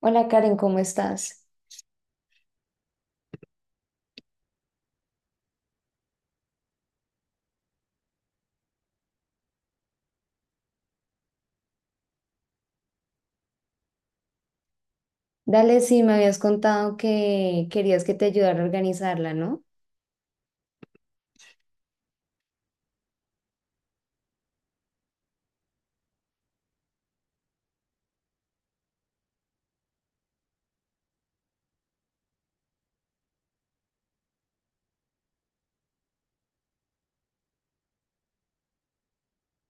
Hola Karen, ¿cómo estás? Dale, sí, me habías contado que querías que te ayudara a organizarla, ¿no?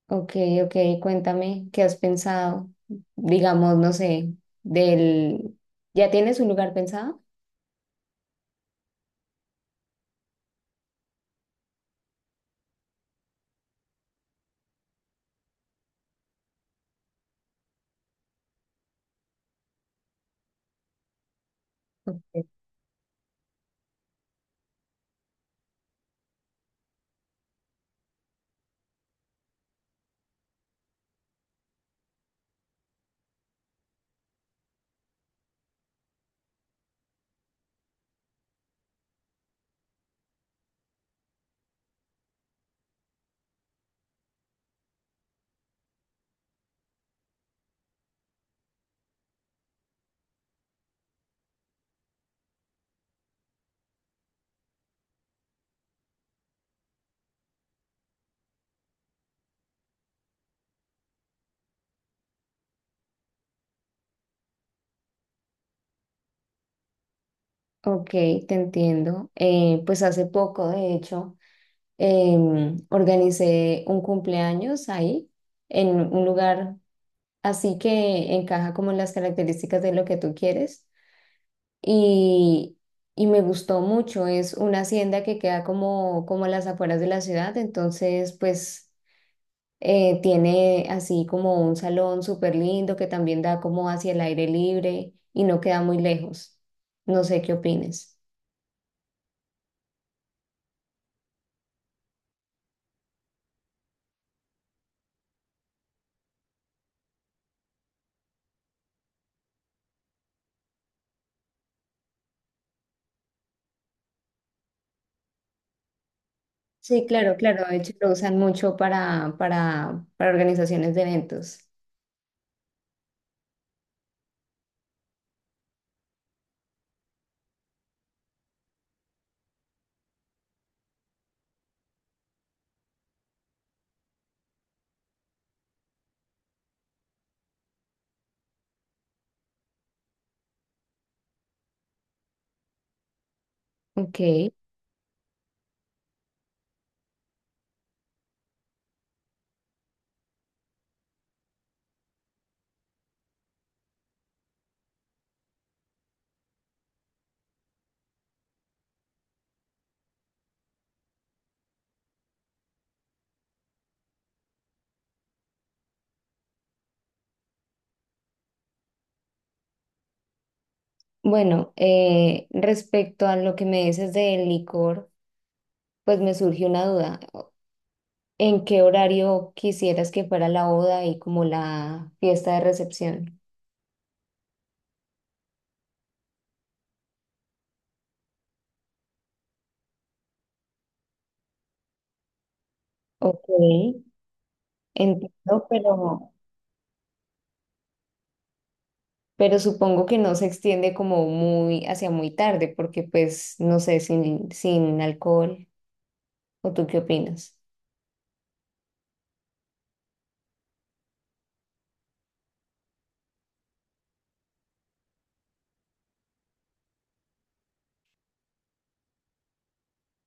Ok, ok, Cuéntame, ¿qué has pensado? Digamos, no sé, del... ¿Ya tienes un lugar pensado? Ok, Ok, te entiendo. Pues hace poco, de hecho, organicé un cumpleaños ahí, en un lugar así que encaja como en las características de lo que tú quieres. y, y me gustó mucho. Es una hacienda que queda como, como a las afueras de la ciudad, entonces pues tiene así como un salón súper lindo que también da como hacia el aire libre y no queda muy lejos. No sé qué opines. Sí, claro, claro. De hecho, lo usan mucho para organizaciones de eventos. Ok, bueno, respecto a lo que me dices del licor, pues me surgió una duda. ¿En qué horario quisieras que fuera la boda y como la fiesta de recepción? Ok, entiendo, pero supongo que no se extiende como muy hacia muy tarde, porque pues no sé, sin alcohol, ¿o tú qué opinas?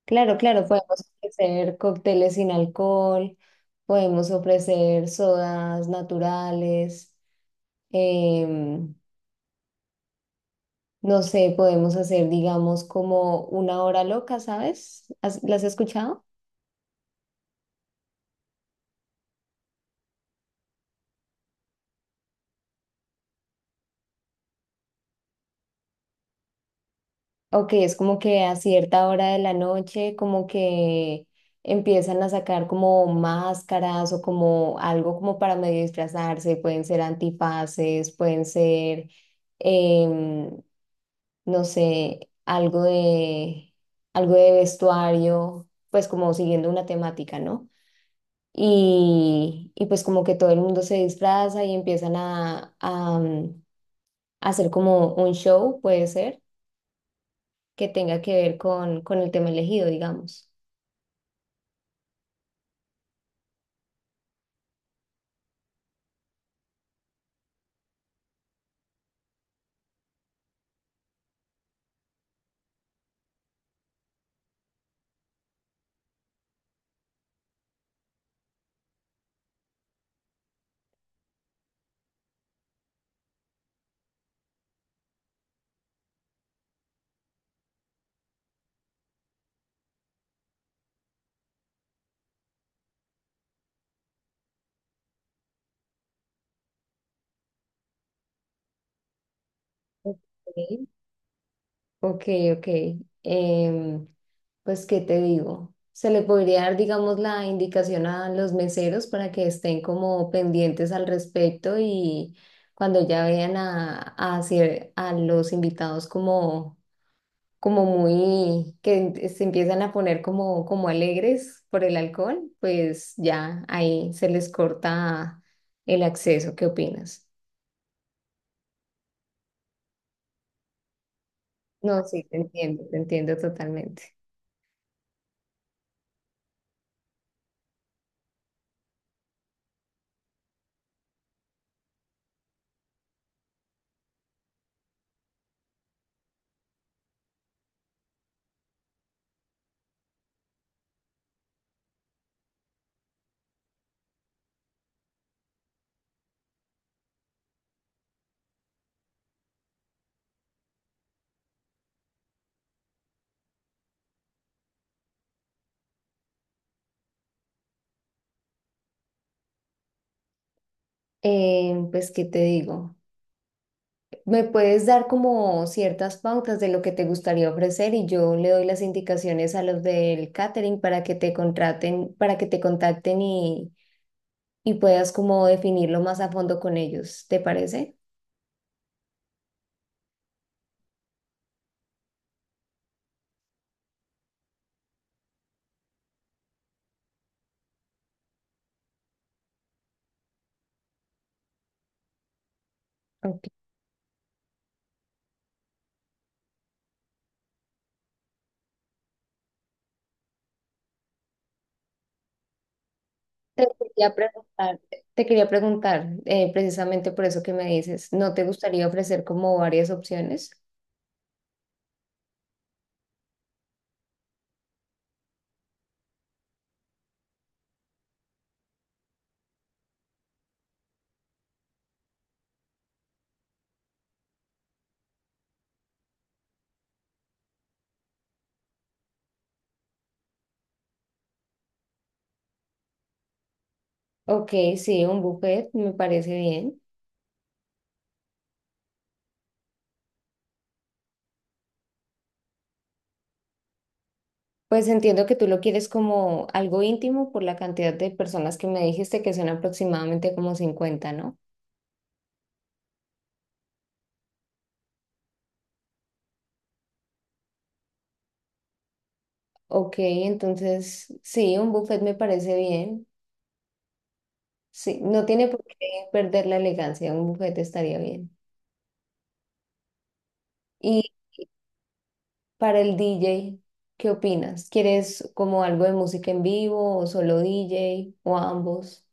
Claro, claro, podemos ofrecer cócteles sin alcohol, podemos ofrecer sodas naturales, em, no sé, podemos hacer, digamos, como una hora loca, ¿sabes? ¿Las has escuchado? Ok, es como que a cierta hora de la noche como que empiezan a sacar como máscaras o como algo como para medio disfrazarse, pueden ser antifaces, pueden ser, em, no sé, algo de vestuario, pues como siguiendo una temática, ¿no? Y pues como que todo el mundo se disfraza y empiezan a hacer como un show, puede ser que tenga que ver con el tema elegido, digamos. Ok. Ok, ok. Em, pues, ¿qué te digo? Se le podría dar, digamos, la indicación a los meseros para que estén como pendientes al respecto y cuando ya vean a a los invitados como, como muy, que se empiezan a poner como, como alegres por el alcohol, pues ya ahí se les corta el acceso. ¿Qué opinas? No, sí, te entiendo totalmente. Pues, ¿qué te digo? Me puedes dar como ciertas pautas de lo que te gustaría ofrecer y yo le doy las indicaciones a los del catering para que te contacten y puedas como definirlo más a fondo con ellos. ¿Te parece? Ok. Te quería preguntar, Te quería preguntar, precisamente por eso que me dices, ¿no te gustaría ofrecer como varias opciones? Ok, sí, un buffet me parece bien. Pues entiendo que tú lo quieres como algo íntimo por la cantidad de personas que me dijiste que son aproximadamente como 50, ¿no? Ok, entonces sí, un buffet me parece bien. Sí, no tiene por qué perder la elegancia, un buffet estaría bien. Y para el DJ, ¿qué opinas? ¿Quieres como algo de música en vivo o solo DJ o ambos?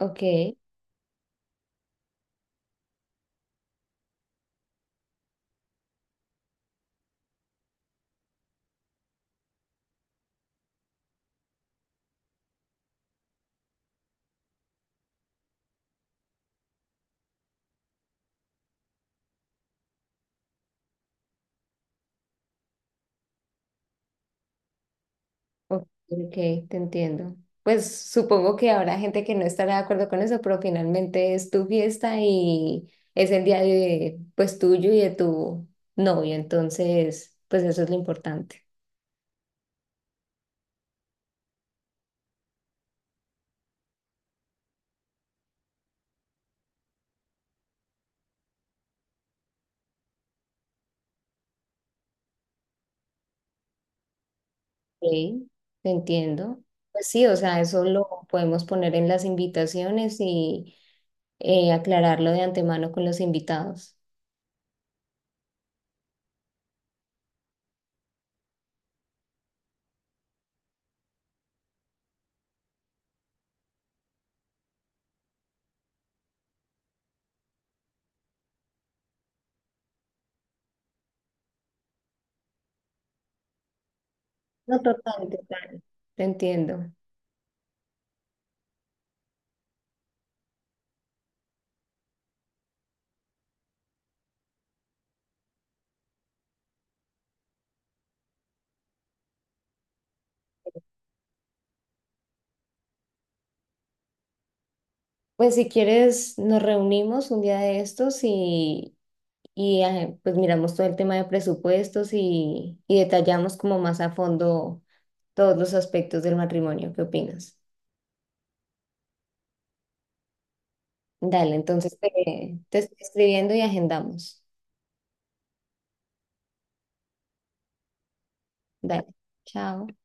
Ok. Ok, ok, te entiendo. Pues supongo que habrá gente que no estará de acuerdo con eso, pero finalmente es tu fiesta y es el día de, pues tuyo y de tu novio, entonces, pues eso es lo importante. Ok, te entiendo. Pues sí, o sea, eso lo podemos poner en las invitaciones y aclararlo de antemano con los invitados. No, total, total. Te entiendo. Pues si quieres, nos reunimos un día de estos y pues miramos todo el tema de presupuestos y detallamos como más a fondo todos los aspectos del matrimonio. ¿Qué opinas? Dale, te estoy escribiendo y agendamos. Dale, chao.